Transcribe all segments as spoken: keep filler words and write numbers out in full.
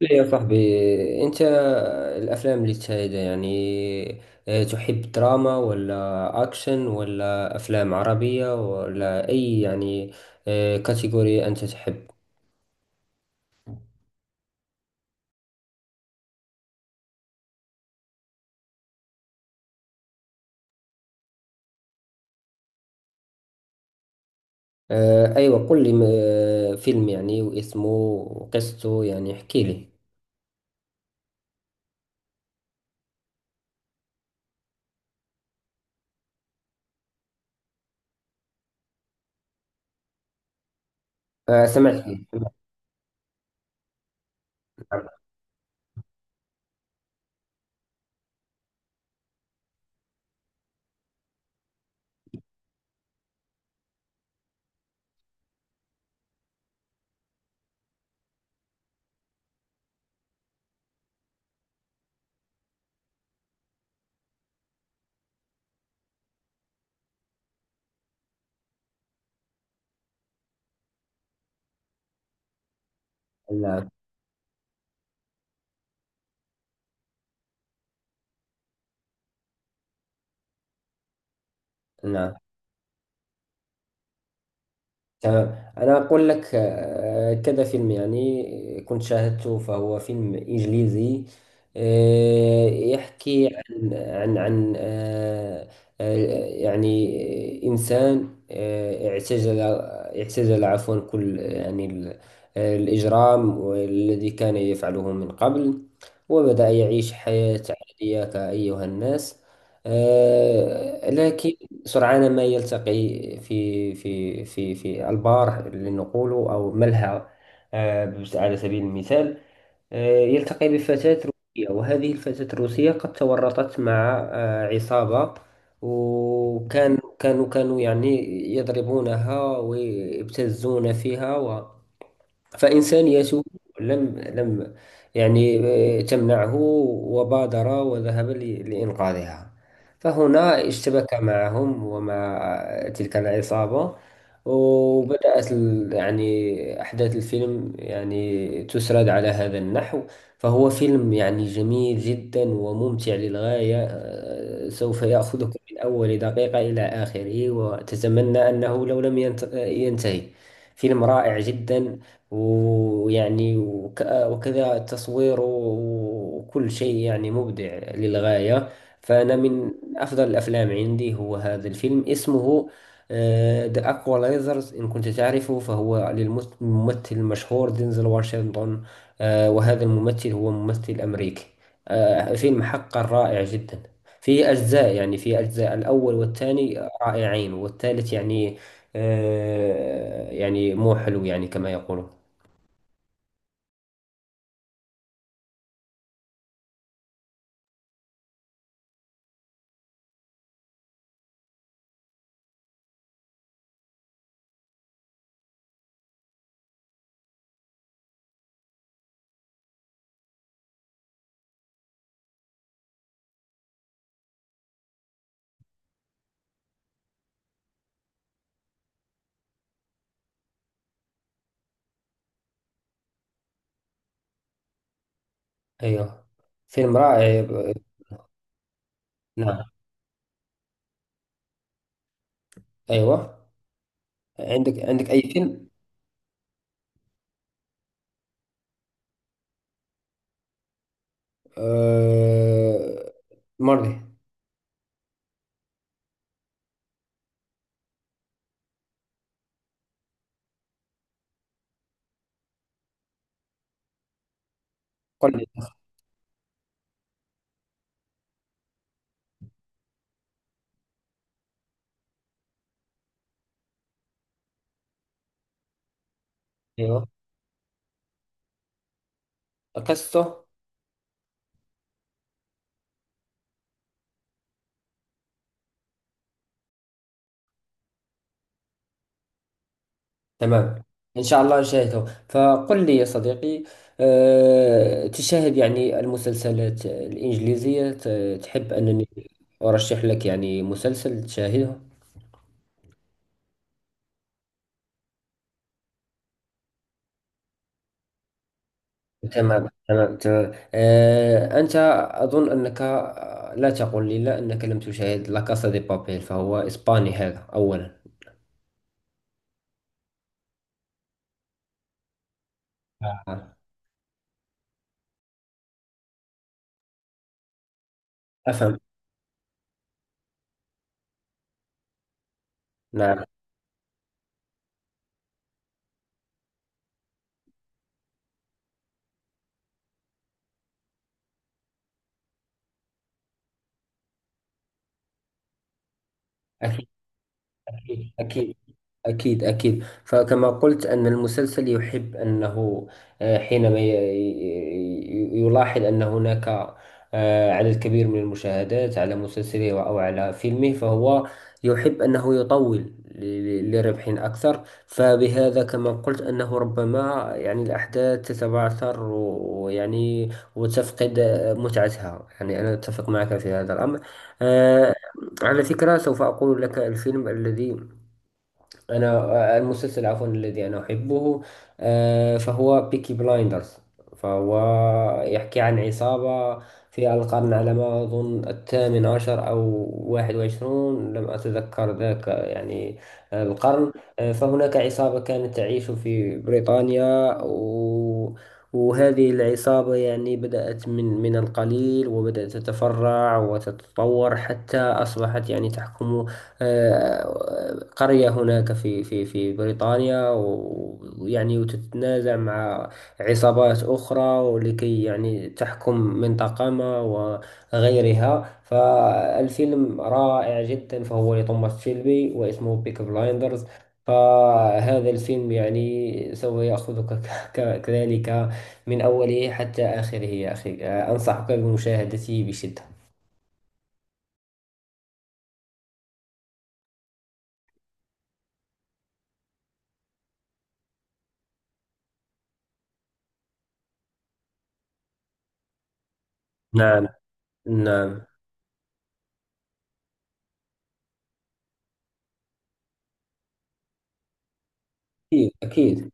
لا يا صاحبي، انت، الافلام اللي تشاهدها يعني، آه، تحب دراما ولا اكشن ولا افلام عربية ولا اي يعني؟ آه، كاتيجوري انت تحب؟ آه، ايوه، قل لي م- آه، فيلم يعني، واسمه وقصته يعني احكي لي. آه، سمعت فيه. نعم، نعم، نعم. تمام، أنا أقول لك آه، كذا فيلم يعني كنت شاهدته، فهو فيلم إنجليزي. آه، يحكي عن عن عن آه، آه، يعني إنسان، آه، اعتزل اعتزل عفوا، كل يعني ال- آه، الإجرام الذي كان يفعله من قبل، وبدأ يعيش حياة عادية كأيها الناس. آه، لكن سرعان ما يلتقي في في في في البار لنقول، أو ملهى آه، على سبيل المثال. آه، يلتقي بفتاة روسية، وهذه الفتاة الروسية قد تورطت مع آه، عصابة، وكان كانوا كانوا يعني يضربونها ويبتزون فيها. فإنسانيته لم لم يعني آه، تمنعه، وبادر وذهب ل- لإنقاذها. فهنا اشتبك معهم، ومع تلك العصابة، وبدأت ال- يعني أحداث الفيلم يعني تسرد على هذا النحو. فهو فيلم يعني جميل جدا وممتع للغاية، آه، سوف يأخذك من أول دقيقة إلى آخره، وتتمنى أنه لو لم ينت- ينتهي. فيلم رائع جدا، ويعني وك- وكذا تصويره، وكل شيء يعني مبدع للغاية. فأنا من أفضل الأفلام عندي هو هذا الفيلم، اسمه ذا Equalizers. إن كنت تعرفه، فهو للممثل المشهور دينزل واشنطن. آه، وهذا الممثل هو ممثل أمريكي. آه، فيلم حقا رائع جدا. فيه أجزاء، يعني فيه أجزاء، الأول والثاني رائعين، والثالث يعني آه، يعني مو حلو يعني كما يقولون. ايوه، فيلم رائع ب- نعم. ايوه، عندك عندك اي فيلم؟ آه... مري. قل لي. ايوه، قصته. تمام، ان شاء الله نشاهده. فقل لي يا صديقي، آه... تشاهد يعني المسلسلات الانجليزية؟ ت- تحب انني ارشح لك يعني مسلسل تشاهده؟ تمام، تمام، تمام. آه، أنت، أظن أنك، آه، لا، تقول لي لا أنك لم تشاهد لا كاسا دي بابيل؟ فهو إسباني هذا أولا. آه، أفهم. نعم. أكيد، أكيد، أكيد. فكما قلت، أن المسلسل يحب أنه آه، حينما ي- ي- يلاحظ أن هناك آه، على الكبير من المشاهدات على مسلسله أو على فيلمه، فهو يحب أنه يطول ل- ل- لربح أكثر. فبهذا كما قلت، أنه ربما يعني الأحداث تتبعثر و- ويعني وتفقد آه، متعتها، يعني أنا أتفق معك في هذا الأمر. آه، على فكرة، سوف أقول لك الفيلم الذي أنا، آه، المسلسل عفوا، الذي أنا أحبه، آه، فهو بيكي بلايندرز. فهو يحكي عن عصابة في القرن، على ما أظن، الثامن عشر أو واحد وعشرون، لم أتذكر ذاك يعني آه، القرن. آه، فهناك عصابة كانت تعيش في بريطانيا، و وهذه العصابة يعني بدأت من من القليل، وبدأت تتفرع وتتطور حتى أصبحت يعني تحكم آه، قرية هناك في في في بريطانيا و- ويعني وتتنازع مع عصابات أخرى، ولكي يعني تحكم منطقة ما وغيرها. فالفيلم رائع جدا، فهو لتوماس شيلبي واسمه بيك بلايندرز. فهذا الفيلم يعني سوف يأخذك ك- ك- كذلك، من أوله حتى آخره يا أخي. آه، أنصحك بمشاهدته بشدة. نعم. نعم. أكيد. أكيد.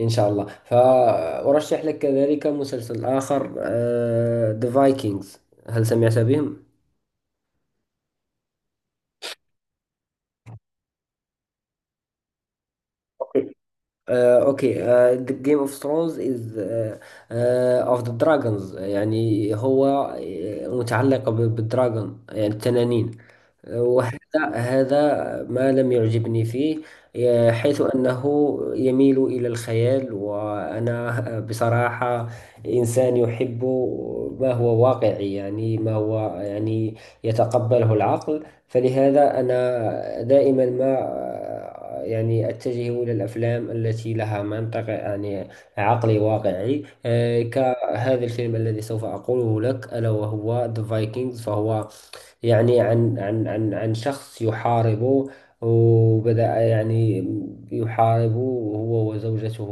إن شاء الله. فأرشح لك كذلك مسلسل آخر، ذا فايكنجز. هل سمعت بهم؟ اوكي. آه، اوكي. آه، The Game of Thrones is، آه، آه، of the Dragons، يعني هو آه، متعلق ب- بالدراغون، يعني التنانين. وهذا هذا ما لم يعجبني فيه، ي- حيث أنه يميل إلى الخيال، وأنا بصراحة إنسان يحب ما هو واقعي، يعني ما هو يعني يتقبله العقل. فلهذا أنا دائما ما يعني أتجه إلى الأفلام التي لها منطق، يعني عقلي واقعي، آه، كهذا الفيلم الذي سوف أقوله لك، ألا وهو The Vikings. فهو يعني عن عن عن عن شخص يحاربه، وبدأ يعني يحاربه هو وزوجته،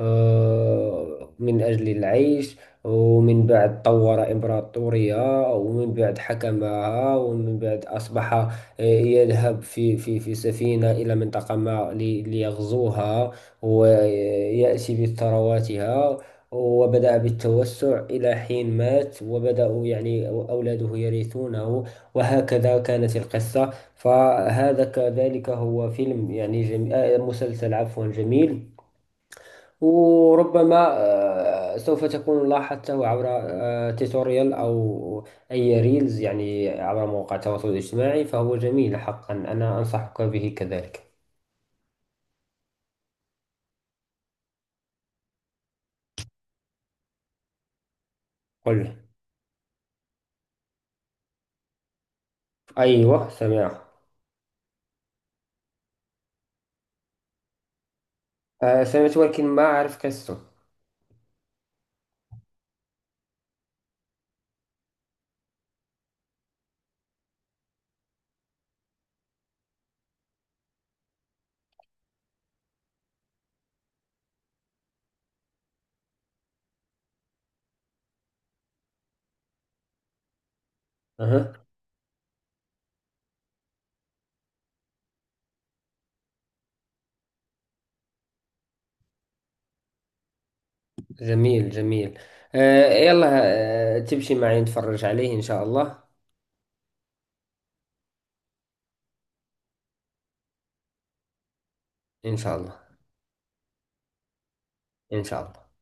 آه، من أجل العيش. ومن بعد طور إمبراطورية، ومن بعد حكمها، ومن بعد أصبح آه، يذهب في في في سفينة إلى منطقة ما لي- ليغزوها، ويأتي بثرواتها. وبدأ بالتوسع إلى حين مات، وبدأوا يعني أولاده يرثونه، وهكذا كانت القصة. فهذا كذلك هو فيلم يعني جميل، آه، مسلسل عفوا جميل. وربما آه، سوف تكون لاحظته عبر آه، توتوريال أو أي ريلز يعني عبر مواقع التواصل الاجتماعي. فهو جميل حقا، أنا أنصحك به كذلك. قل. أيوه، سمعه. آه، سمعت، ولكن ما أعرف قصته. أها. جميل، جميل. آه يلا. آه تمشي معي نتفرج عليه إن شاء الله؟ إن شاء الله. إن شاء الله.